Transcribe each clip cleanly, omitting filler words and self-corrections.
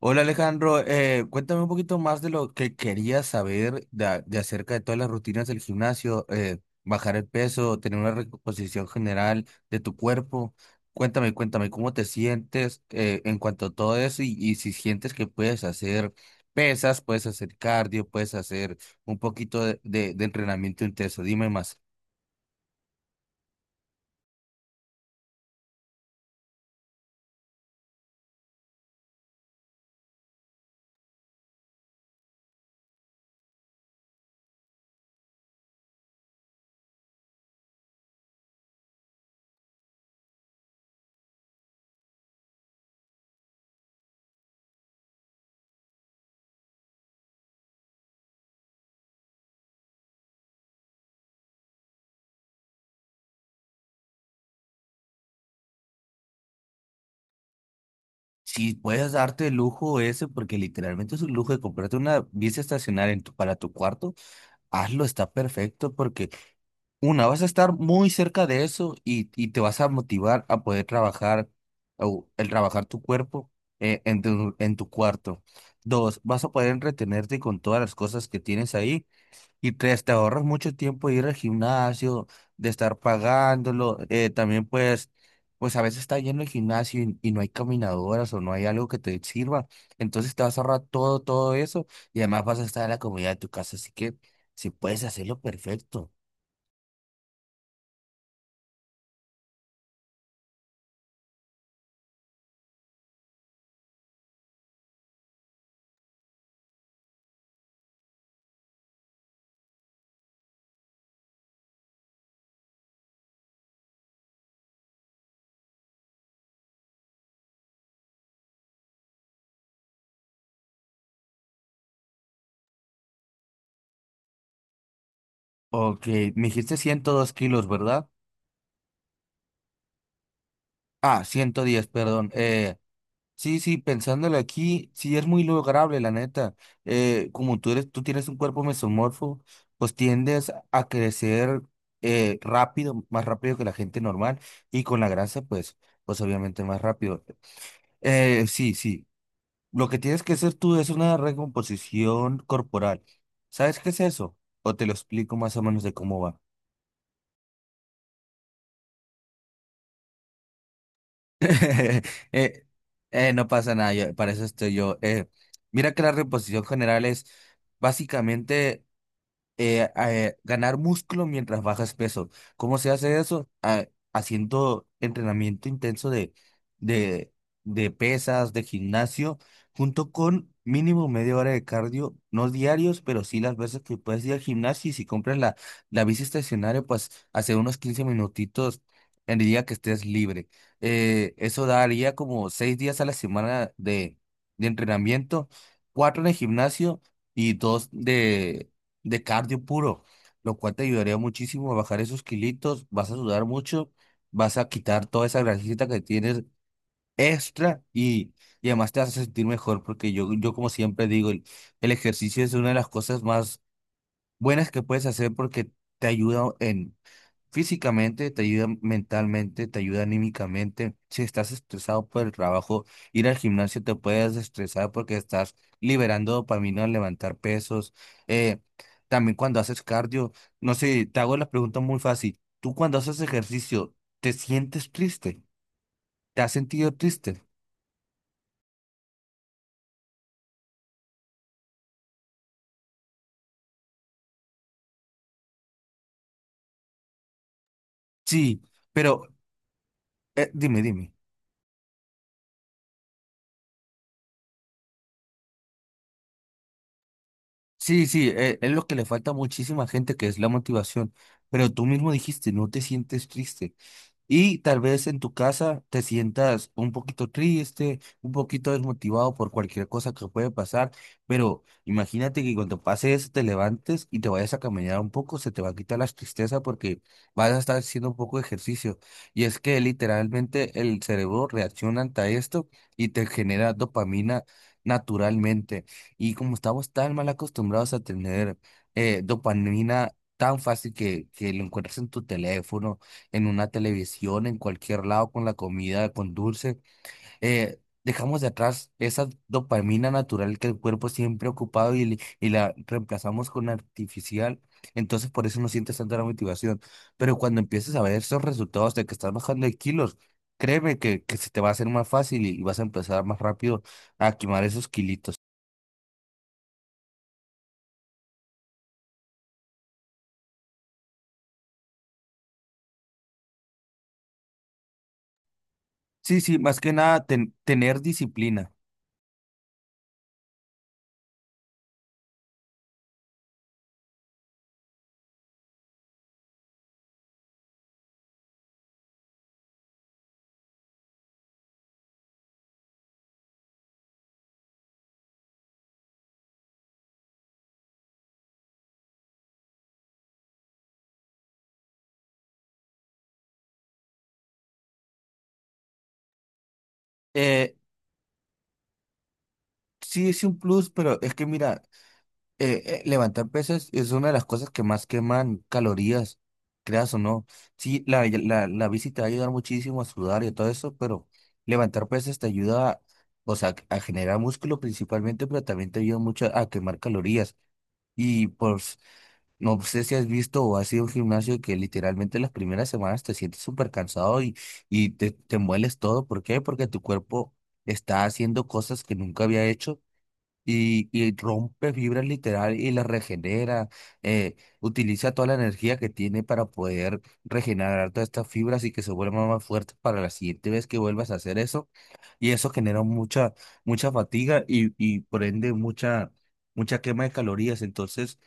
Hola Alejandro, cuéntame un poquito más de lo que querías saber de acerca de todas las rutinas del gimnasio, bajar el peso, tener una recomposición general de tu cuerpo. Cuéntame, cuéntame cómo te sientes en cuanto a todo eso y si sientes que puedes hacer pesas, puedes hacer cardio, puedes hacer un poquito de entrenamiento intenso. Dime más. Si puedes darte el lujo ese, porque literalmente es un lujo de comprarte una bici estacionaria para tu cuarto. Hazlo, está perfecto porque una, vas a estar muy cerca de eso y te vas a motivar a poder trabajar o el trabajar tu cuerpo en tu cuarto. Dos, vas a poder entretenerte con todas las cosas que tienes ahí. Y tres, te ahorras mucho tiempo de ir al gimnasio, de estar pagándolo. También pues, pues a veces está lleno el gimnasio y no hay caminadoras o no hay algo que te sirva. Entonces te vas a ahorrar todo eso y además vas a estar en la comodidad de tu casa. Así que si puedes hacerlo, perfecto. Ok, me dijiste 102 kilos, ¿verdad? Ah, 110, perdón. Sí, sí, pensándolo aquí, sí es muy lograble, la neta. Como tú tienes un cuerpo mesomorfo, pues tiendes a crecer rápido, más rápido que la gente normal, y con la grasa, pues, pues obviamente más rápido. Sí, sí. Lo que tienes que hacer tú es una recomposición corporal. ¿Sabes qué es eso? O te lo explico más o menos de cómo va. Eh, no pasa nada, para eso estoy yo. Mira que la reposición general es básicamente ganar músculo mientras bajas peso. ¿Cómo se hace eso? Ah, haciendo entrenamiento intenso de, de pesas, de gimnasio, junto con mínimo media hora de cardio, no diarios, pero sí las veces que puedes ir al gimnasio y si compras la bici estacionaria, pues hace unos 15 minutitos en el día que estés libre. Eso daría como 6 días a la semana de entrenamiento, cuatro en el gimnasio y dos de cardio puro, lo cual te ayudaría muchísimo a bajar esos kilitos, vas a sudar mucho, vas a quitar toda esa grasita que tienes extra y además te vas a sentir mejor porque yo como siempre digo, el ejercicio es una de las cosas más buenas que puedes hacer porque te ayuda en físicamente, te ayuda mentalmente, te ayuda anímicamente. Si estás estresado por el trabajo, ir al gimnasio te puedes estresar porque estás liberando dopamina al levantar pesos. Eh, También cuando haces cardio, no sé, te hago la pregunta muy fácil. ¿Tú cuando haces ejercicio, te sientes triste? ¿Te has sentido triste? Sí, pero dime. Sí, sí, es lo que le falta a muchísima gente, que es la motivación. Pero tú mismo dijiste, no te sientes triste. Y tal vez en tu casa te sientas un poquito triste, un poquito desmotivado por cualquier cosa que puede pasar, pero imagínate que cuando pase eso te levantes y te vayas a caminar un poco, se te va a quitar la tristeza porque vas a estar haciendo un poco de ejercicio. Y es que literalmente el cerebro reacciona ante esto y te genera dopamina naturalmente. Y como estamos tan mal acostumbrados a tener dopamina tan fácil que lo encuentras en tu teléfono, en una televisión, en cualquier lado, con la comida, con dulce. Dejamos de atrás esa dopamina natural que el cuerpo siempre ha ocupado y, y la reemplazamos con artificial. Entonces por eso no sientes tanta la motivación. Pero cuando empieces a ver esos resultados de que estás bajando de kilos, créeme que se te va a hacer más fácil y vas a empezar más rápido a quemar esos kilitos. Sí, sí, más que nada tener disciplina. Eh, sí es un plus, pero es que mira, levantar pesas es una de las cosas que más queman calorías, creas o no. Sí, la bici te va a ayudar muchísimo a sudar y a todo eso, pero levantar pesas te ayuda, o sea, a generar músculo principalmente, pero también te ayuda mucho a quemar calorías. Y pues, no sé si has visto o has ido a un gimnasio que literalmente las primeras semanas te sientes súper cansado y, te mueles todo. ¿Por qué? Porque tu cuerpo está haciendo cosas que nunca había hecho y rompe fibras literal y las regenera, utiliza toda la energía que tiene para poder regenerar todas estas fibras y que se vuelvan más fuertes para la siguiente vez que vuelvas a hacer eso. Y eso genera mucha, mucha fatiga y por ende mucha, mucha quema de calorías. Entonces,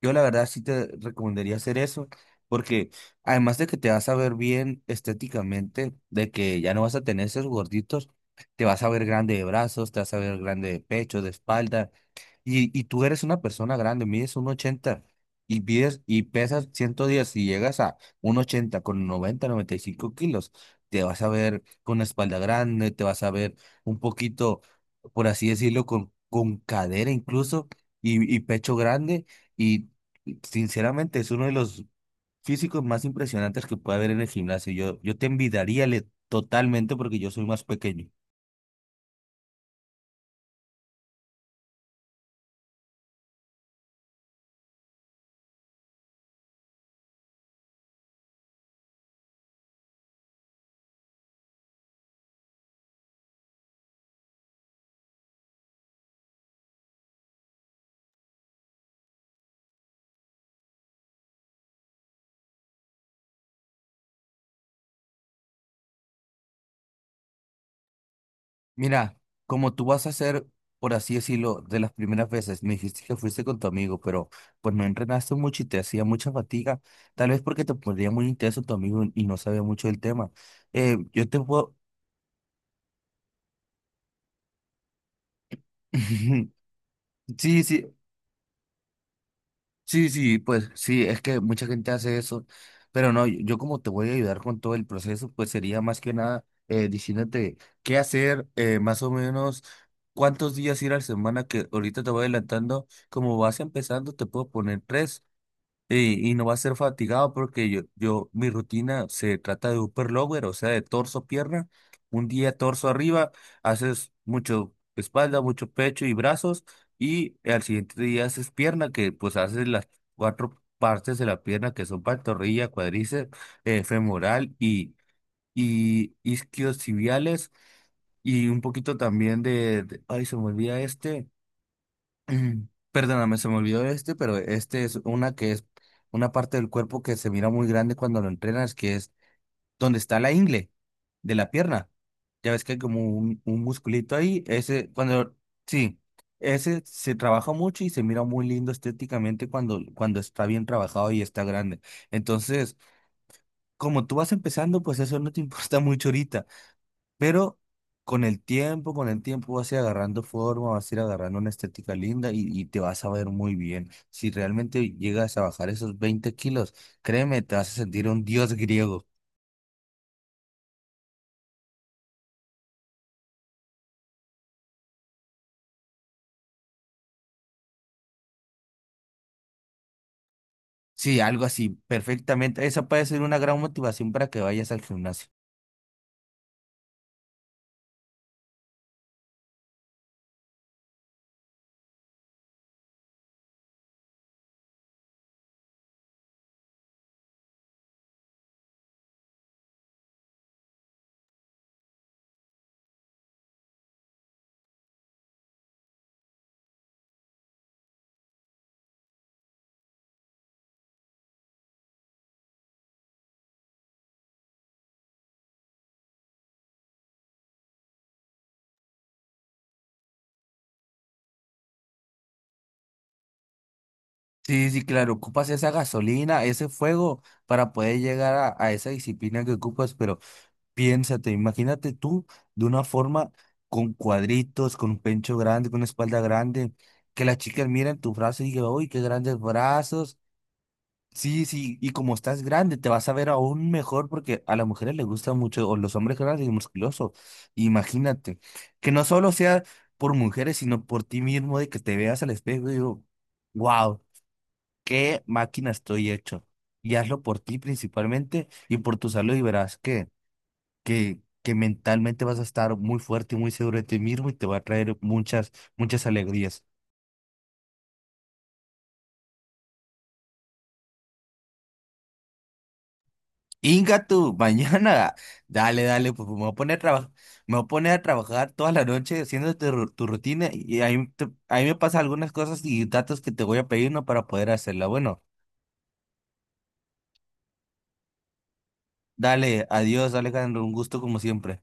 yo la verdad sí te recomendaría hacer eso. Porque además de que te vas a ver bien estéticamente, de que ya no vas a tener esos gorditos, te vas a ver grande de brazos, te vas a ver grande de pecho, de espalda, y tú eres una persona grande, mides un ochenta y, y pesas 110 y llegas a un ochenta con 90 90 y 5 kilos, te vas a ver con la espalda grande, te vas a ver un poquito, por así decirlo, con cadera incluso y pecho grande. Y sinceramente es uno de los físicos más impresionantes que puede haber en el gimnasio. Yo te envidiaría totalmente porque yo soy más pequeño. Mira, como tú vas a hacer, por así decirlo, de las primeras veces, me dijiste que fuiste con tu amigo, pero pues no entrenaste mucho y te hacía mucha fatiga, tal vez porque te ponía muy intenso tu amigo y no sabía mucho del tema. Yo te puedo... Sí, sí, sí, sí, pues sí, es que mucha gente hace eso, pero no, yo como te voy a ayudar con todo el proceso, pues sería más que nada diciéndote qué hacer, más o menos cuántos días ir a la semana, que ahorita te voy adelantando, como vas empezando, te puedo poner tres, y no va a ser fatigado porque yo, mi rutina se trata de upper lower, o sea, de torso, pierna. Un día torso arriba, haces mucho espalda, mucho pecho y brazos. Y al siguiente día haces pierna, que pues haces las cuatro partes de la pierna que son pantorrilla, cuádriceps, femoral y isquiotibiales. Y un poquito también ay, se me olvida este. Mm, perdóname, se me olvidó este, pero este es una que es una parte del cuerpo que se mira muy grande cuando lo entrenas, que es donde está la ingle de la pierna. Ya ves que hay como un musculito ahí. Ese, cuando, sí, ese se trabaja mucho y se mira muy lindo estéticamente cuando, cuando está bien trabajado y está grande. Entonces, como tú vas empezando, pues eso no te importa mucho ahorita. Pero con el tiempo vas a ir agarrando forma, vas a ir agarrando una estética linda y te vas a ver muy bien. Si realmente llegas a bajar esos 20 kilos, créeme, te vas a sentir un dios griego. Sí, algo así, perfectamente. Esa puede ser una gran motivación para que vayas al gimnasio. Sí, sí, claro, ocupas esa gasolina, ese fuego para poder llegar a esa disciplina que ocupas, pero piénsate, imagínate tú de una forma con cuadritos, con un pecho grande, con una espalda grande, que las chicas miren tus brazos y digan, uy, qué grandes brazos. Sí, sí, y como estás grande, te vas a ver aún mejor porque a las mujeres les gusta mucho, o los hombres grandes y musculosos. Imagínate, que no solo sea por mujeres, sino por ti mismo, de que te veas al espejo y digo, wow, qué máquina estoy hecho. Y hazlo por ti principalmente y por tu salud y verás que que mentalmente vas a estar muy fuerte y muy seguro de ti mismo y te va a traer muchas, muchas alegrías. Inga tú, mañana, dale, dale, pues, me voy a poner a trabajar, me voy a poner a trabajar toda la noche haciendo tu, tu rutina y ahí, ahí me pasan algunas cosas y datos que te voy a pedir, ¿no? Para poder hacerla. Bueno, dale, adiós, Alejandro, un gusto como siempre.